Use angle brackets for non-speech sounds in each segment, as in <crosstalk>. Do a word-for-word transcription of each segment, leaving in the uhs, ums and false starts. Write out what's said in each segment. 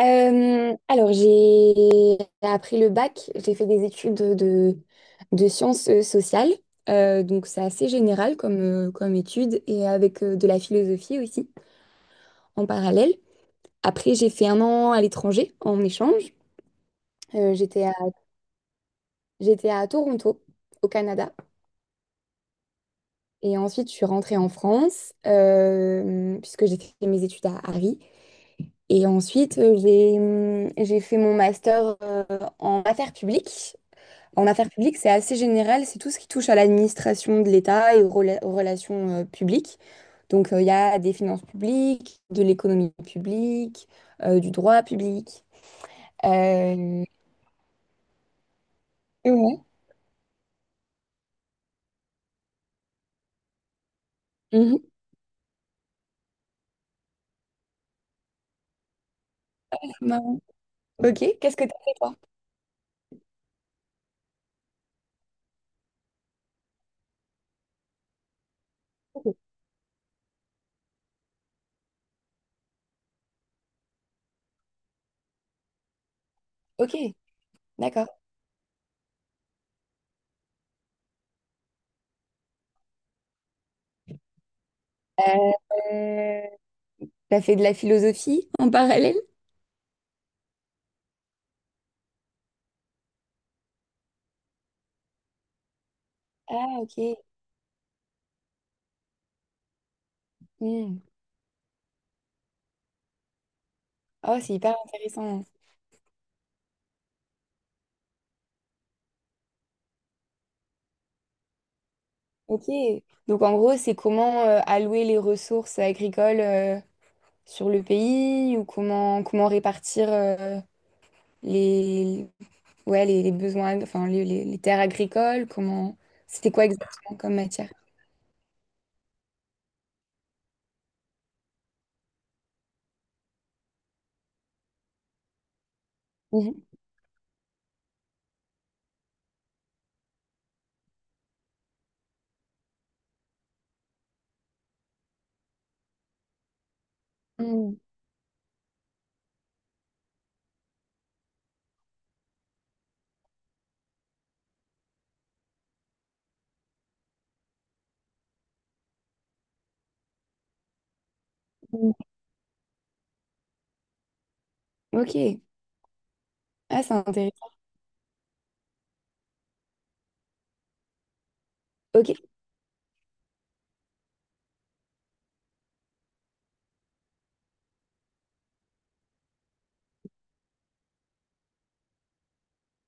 Euh, alors, j'ai appris le bac, j'ai fait des études de, de sciences euh, sociales. Euh, donc c'est assez général comme, euh, comme étude et avec euh, de la philosophie aussi en parallèle. Après, j'ai fait un an à l'étranger en échange. Euh, j'étais à, j'étais à Toronto, au Canada. Et ensuite, je suis rentrée en France euh, puisque j'ai fait mes études à Paris. Et ensuite, euh, j'ai, hum, j'ai fait mon master euh, en affaires publiques. En affaires publiques, c'est assez général, c'est tout ce qui touche à l'administration de l'État et aux, rela- aux relations euh, publiques. Donc, euh, il y a des finances publiques, de l'économie publique, euh, du droit public. Euh, et ouais. Mhm. Marrant. Ok, qu'est-ce que t'as fait toi? Ok, d'accord. Euh, t'as fait de la philosophie en parallèle? Ah, ok. Hmm. Oh, c'est hyper intéressant. Ok. Donc, en gros, c'est comment euh, allouer les ressources agricoles euh, sur le pays ou comment, comment répartir euh, les, ouais, les, les besoins, enfin les, les- les terres agricoles, comment c'était quoi exactement comme matière? Mhm. Mm, mm. Ok, ah, c'est intéressant. Ok,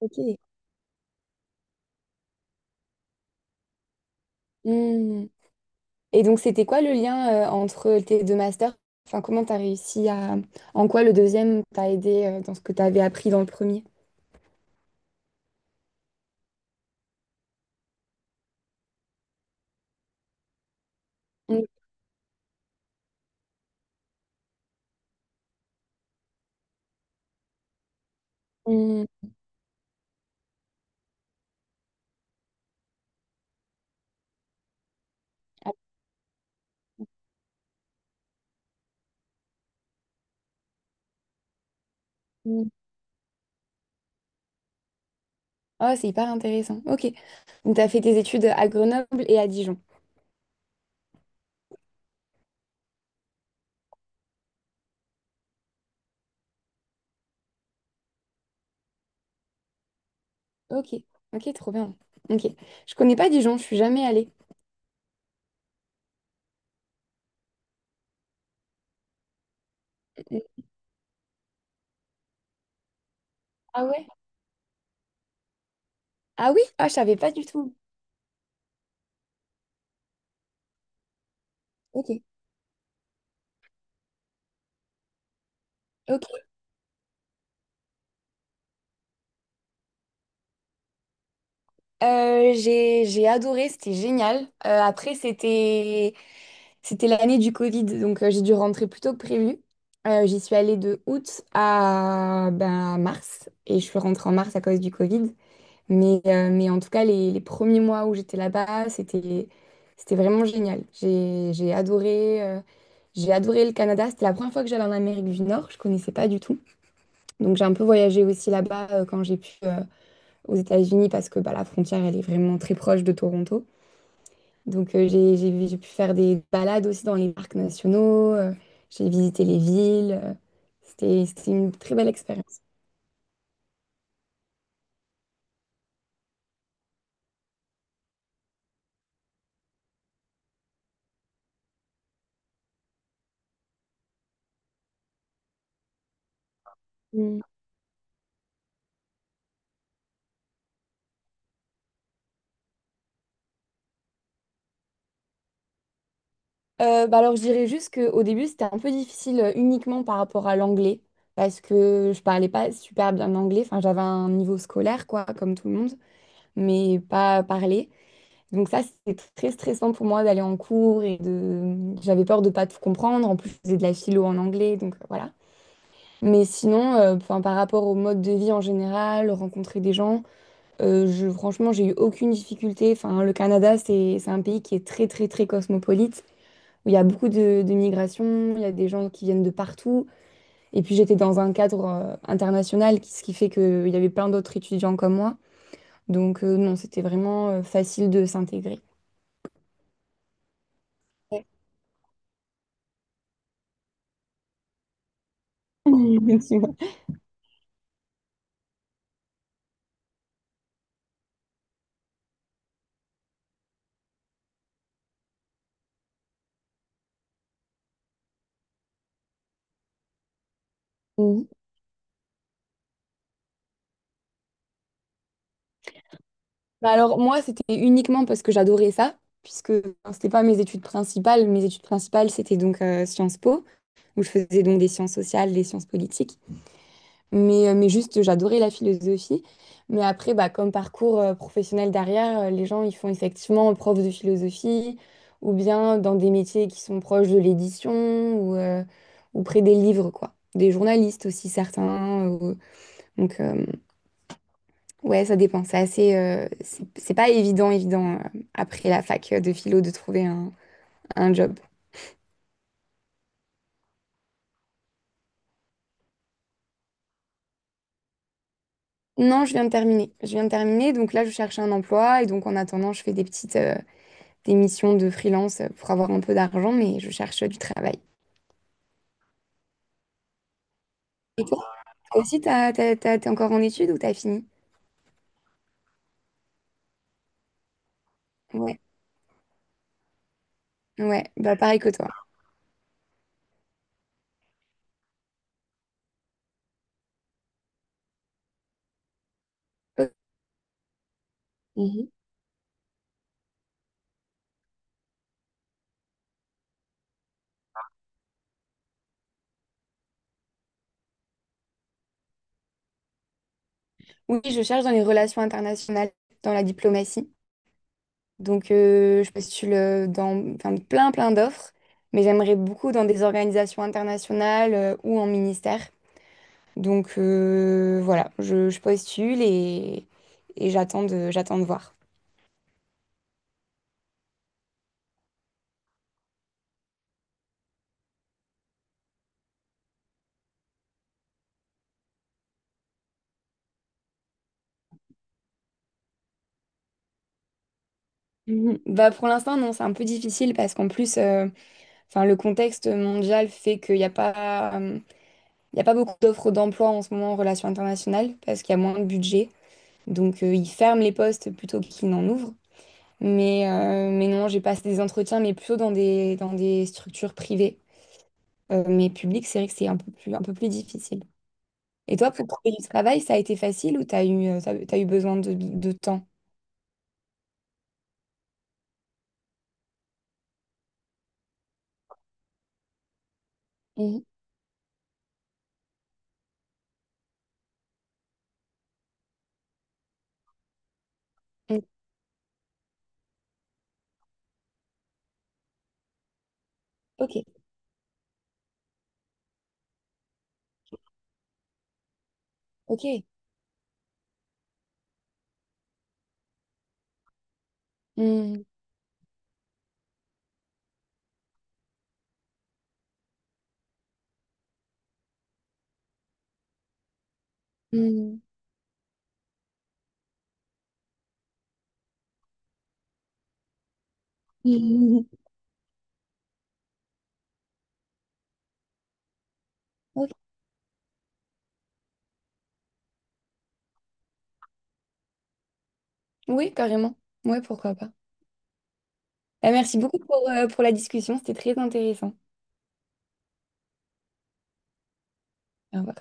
ok. Mm. Et donc c'était quoi le lien euh, entre tes deux masters? Enfin, comment t'as réussi à... En quoi le deuxième t'a aidé euh, dans ce que t'avais appris dans le premier? Mm, mm. Ah, mm. Oh, c'est hyper intéressant. Ok. Donc, tu as fait tes études à Grenoble et à Dijon. Ok, ok, trop bien. Ok. Je connais pas Dijon, je suis jamais allée. Ah ouais? Ah oui? Ah, je savais pas du tout. Ok, ok. Euh, j'ai, j'ai adoré, c'était génial. Euh, après, c'était, c'était l'année du Covid, donc euh, j'ai dû rentrer plus tôt que prévu. Euh, j'y suis allée de août à ben, mars, et je suis rentrée en mars à cause du Covid. Mais, euh, mais en tout cas, les, les premiers mois où j'étais là-bas, c'était, c'était vraiment génial. J'ai, j'ai adoré, euh, j'ai adoré le Canada. C'était la première fois que j'allais en Amérique du Nord. Je connaissais pas du tout. Donc j'ai un peu voyagé aussi là-bas euh, quand j'ai pu euh, aux États-Unis parce que bah, la frontière, elle est vraiment très proche de Toronto. Donc euh, j'ai, j'ai, j'ai pu faire des balades aussi dans les parcs nationaux. Euh, j'ai visité les villes. Euh, c'était, c'était une très belle expérience. Euh, bah alors, je dirais juste qu'au début, c'était un peu difficile euh, uniquement par rapport à l'anglais, parce que je parlais pas super bien anglais. Enfin, j'avais un niveau scolaire, quoi, comme tout le monde, mais pas parler. Donc ça, c'était très stressant pour moi d'aller en cours et de... J'avais peur de pas tout comprendre. En plus, je faisais de la philo en anglais, donc euh, voilà. Mais sinon, euh, enfin, par rapport au mode de vie en général, rencontrer des gens, euh, je, franchement, j'ai eu aucune difficulté. Enfin, le Canada, c'est, c'est un pays qui est très, très, très cosmopolite où il y a beaucoup de, de migrations, il y a des gens qui viennent de partout. Et puis j'étais dans un cadre euh, international, qui- ce qui fait qu'il y avait plein d'autres étudiants comme moi. Donc euh, non, c'était vraiment euh, facile de s'intégrer. Ouais. <laughs> Tu vois. Mhm. Bah alors moi, c'était uniquement parce que j'adorais ça, puisque enfin, c'était pas mes études principales. Mes études principales, c'était donc euh, Sciences Po, où je faisais donc des sciences sociales, des sciences politiques. Mais, euh, mais juste, j'adorais la philosophie. Mais après, bah, comme parcours euh, professionnel derrière, euh, les gens, ils font effectivement prof de philosophie ou bien dans des métiers qui sont proches de l'édition ou, euh, ou près des livres, quoi. Des journalistes aussi, certains. ou- Donc, euh, ouais, ça dépend. C'est assez, euh, c'est c'est pas évident, évident, euh, après la fac euh, de philo, de trouver un, un job. Non, je viens de terminer. Je viens de terminer. Donc là, je cherche un emploi et donc en attendant, je fais des petites... euh, des missions de freelance pour avoir un peu d'argent, mais je cherche du travail. Et toi, toi aussi, t'as, t'as- t'as- t'es encore en études ou t'as fini? Ouais, ouais, bah pareil que toi. Mhm. Oui, je cherche dans les relations internationales, dans la diplomatie. Donc, euh, je postule euh, dans enfin, plein, plein d'offres, mais j'aimerais beaucoup dans des organisations internationales euh, ou en ministère. Donc, euh, voilà, je, je postule et, et j'attends de, j'attends de voir. Mhm. Bah pour l'instant, non, c'est un peu difficile parce qu'en plus, euh, enfin, le contexte mondial fait qu'il n'y a pas, euh, il y a pas beaucoup d'offres d'emploi en ce moment en relations internationales parce qu'il y a moins de budget. Donc, euh, ils ferment les postes plutôt qu'ils n'en ouvrent. Mais, euh, mais non, j'ai passé des entretiens, mais plutôt dans des, dans des structures privées. Euh, mais publiques, c'est vrai que c'est un peu plus, un peu plus difficile. Et toi, pour trouver du travail, ça a été facile ou t'as eu, euh, t'as, t'as eu besoin de, de temps? Mhm. Mhm. Ok, ok. Mhm. Mhm. <laughs> Ok. Oui, carrément. Ouais, pourquoi pas. Bah, merci beaucoup pour, euh, pour la discussion, c'était très intéressant. Au revoir.